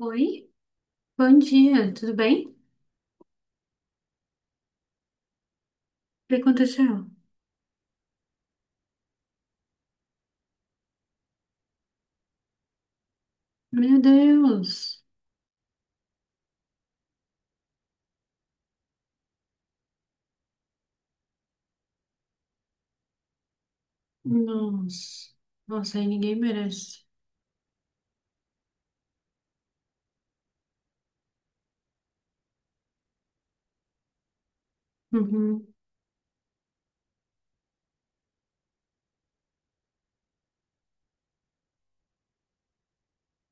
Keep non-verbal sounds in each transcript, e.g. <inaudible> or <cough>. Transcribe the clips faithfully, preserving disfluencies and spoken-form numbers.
Oi, bom dia, tudo bem? O que aconteceu? Meu Deus, nossa, nossa, aí ninguém merece. Uhum,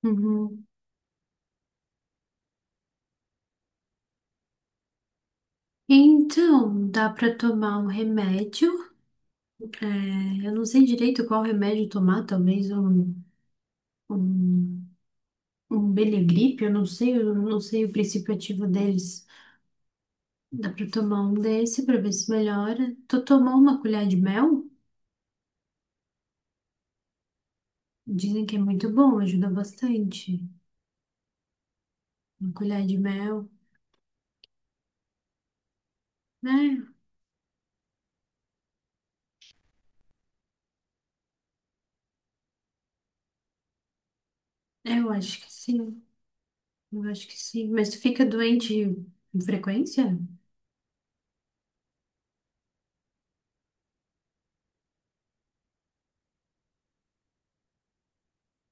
uhum. Então, dá pra tomar um remédio? É, eu não sei direito qual remédio tomar, talvez um, um, um Belegripe, eu não sei, eu não sei o princípio ativo deles. Dá pra tomar um desse pra ver se melhora. Tô tomando uma colher de mel? Dizem que é muito bom, ajuda bastante. Uma colher de mel. É, eu acho que sim. Eu acho que sim. Mas tu fica doente com frequência?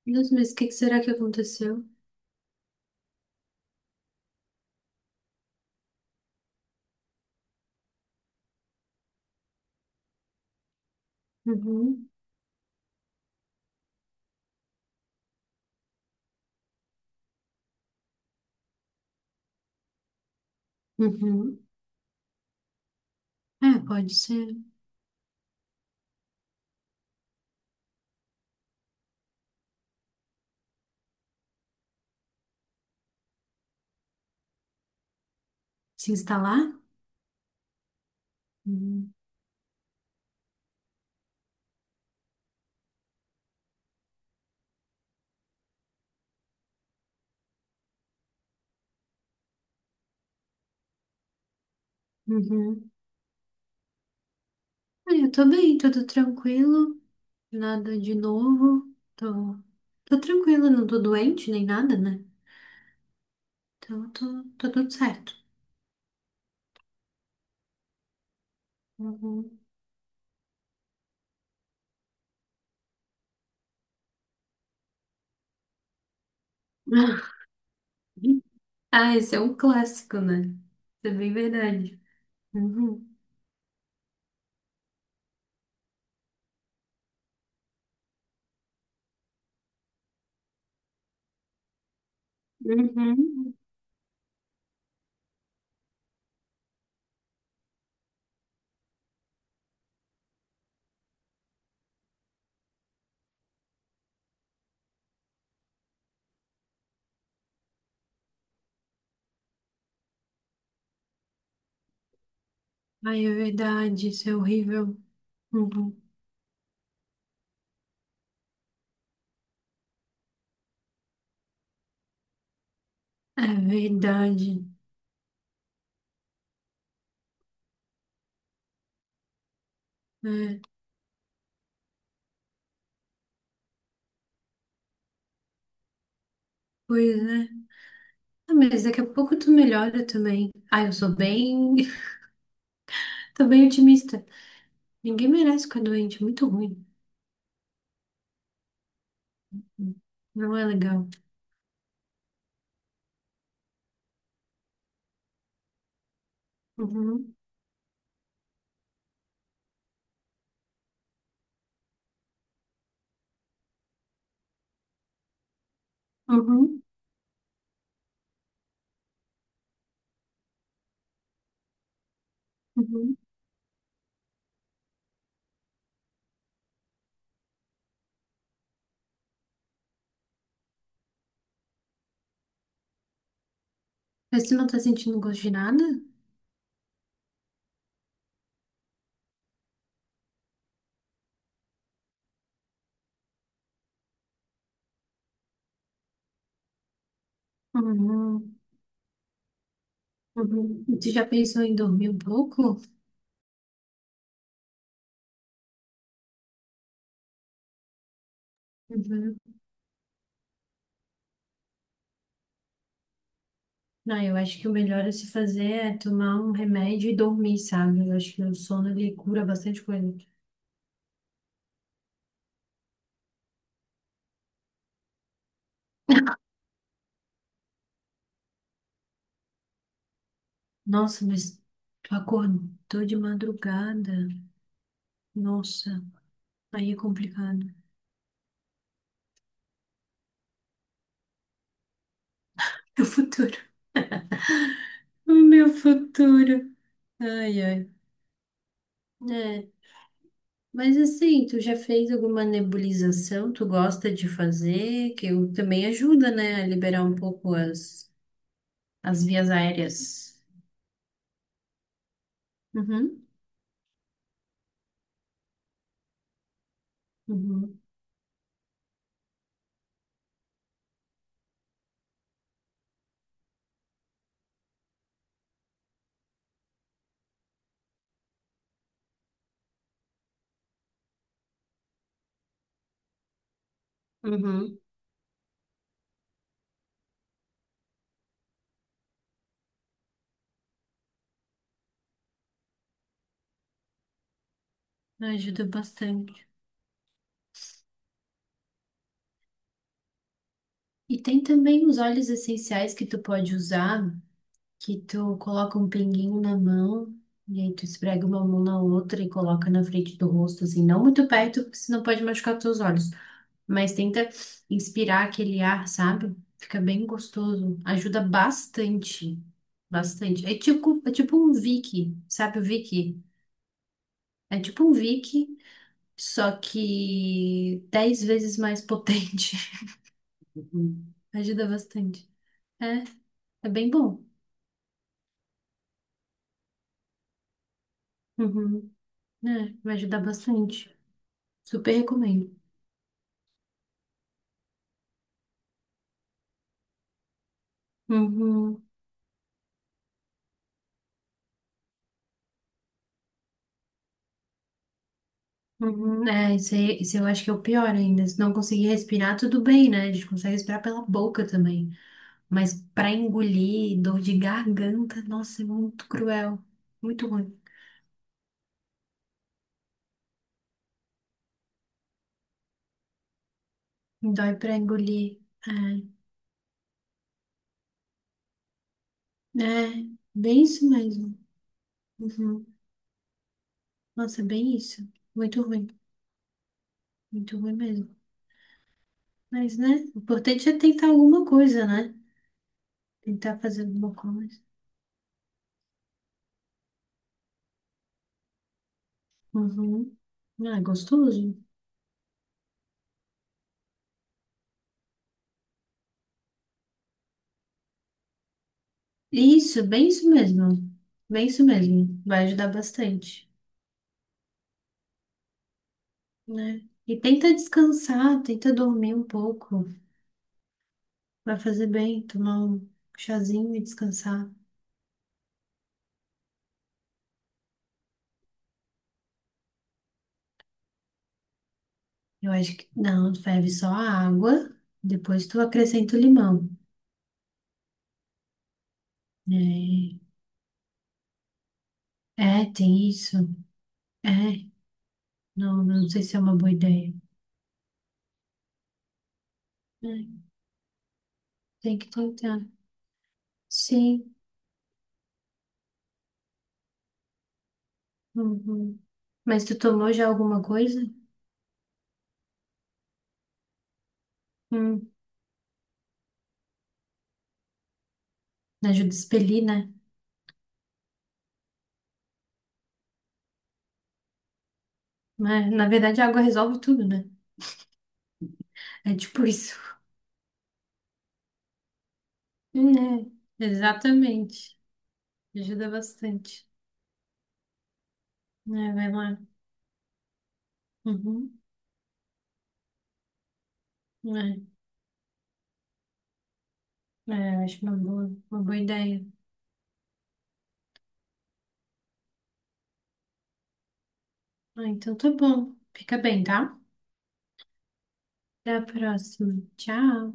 Deus, mas o que que será que aconteceu? Uhum. Uhum. É, pode ser. Se instalar? Uhum. Uhum. Ah, eu tô bem, tudo tranquilo. Nada de novo. Tô, tô tranquila, não tô doente nem nada, né? Então, tô, tô tudo certo. Uhum. <laughs> Ah, esse é um clássico, né? Isso é bem verdade. Uhum. Uhum. Ai, é verdade, isso é horrível. Uhum. É verdade. É, pois é. Ah, mas daqui a pouco tu melhora também. Ah, eu sou bem. <laughs> Tô bem otimista. Ninguém merece ficar doente, é muito ruim. Não é legal. Uhum. Uhum. Uhum. Mas tu não tá sentindo gosto de nada? Uhum. Uhum. E tu já pensou em dormir um pouco? Uhum. Não, eu acho que o melhor a se fazer é tomar um remédio e dormir, sabe? Eu acho que o sono ele cura bastante coisa. Nossa, mas tu acordou de madrugada. Nossa, aí é complicado. <laughs> Meu futuro. O meu futuro. Ai, ai. É, mas assim, tu já fez alguma nebulização? Tu gosta de fazer? Que eu- também ajuda, né, a liberar um pouco as, as vias aéreas. Uhum, uhum, uhum. Ajuda bastante. E tem também os óleos essenciais que tu pode usar. Que tu coloca um pinguinho na mão, e aí tu esfrega uma mão na outra e coloca na frente do rosto, assim, não muito perto, porque senão pode machucar teus olhos. Mas tenta inspirar aquele ar, sabe? Fica bem gostoso. Ajuda bastante. Bastante. É tipo, é tipo um Vick, sabe o Vick? É tipo um Vick, só que dez vezes mais potente. <laughs> Uhum. Ajuda bastante. É, é bem bom. Uhum. É, vai ajudar bastante. Super recomendo. Uhum, uhum. É, isso, aí- isso eu acho que é o pior ainda. Se não conseguir respirar, tudo bem, né? A gente consegue respirar pela boca também. Mas pra engolir, dor de garganta, nossa, é muito cruel. Muito ruim. Dói pra engolir. É, é bem isso mesmo. Uhum. Nossa, é bem isso. Muito ruim. Muito ruim mesmo. Mas, né? O importante é tentar alguma coisa, né? Tentar fazer alguma coisa. Uhum. Ah, é gostoso. Isso, bem isso mesmo. Bem isso mesmo. Vai ajudar bastante, né? E tenta descansar, tenta dormir um pouco. Vai fazer bem, tomar um chazinho e descansar. Eu acho que não, tu ferve só a água, depois tu acrescenta o limão. É, é, tem isso. É, não, não sei se é uma boa ideia. É, tem que tentar. Sim. Uhum. Mas tu tomou já alguma coisa? Hum, ajuda a expelir, né? Mas, na verdade, a água resolve tudo, né? É tipo isso. Né? Exatamente. Ajuda bastante. Né, vai lá. Uhum. É, é, eu acho uma boa, uma boa ideia. Ah, então tá bom. Fica bem, tá? Até a próxima. Tchau.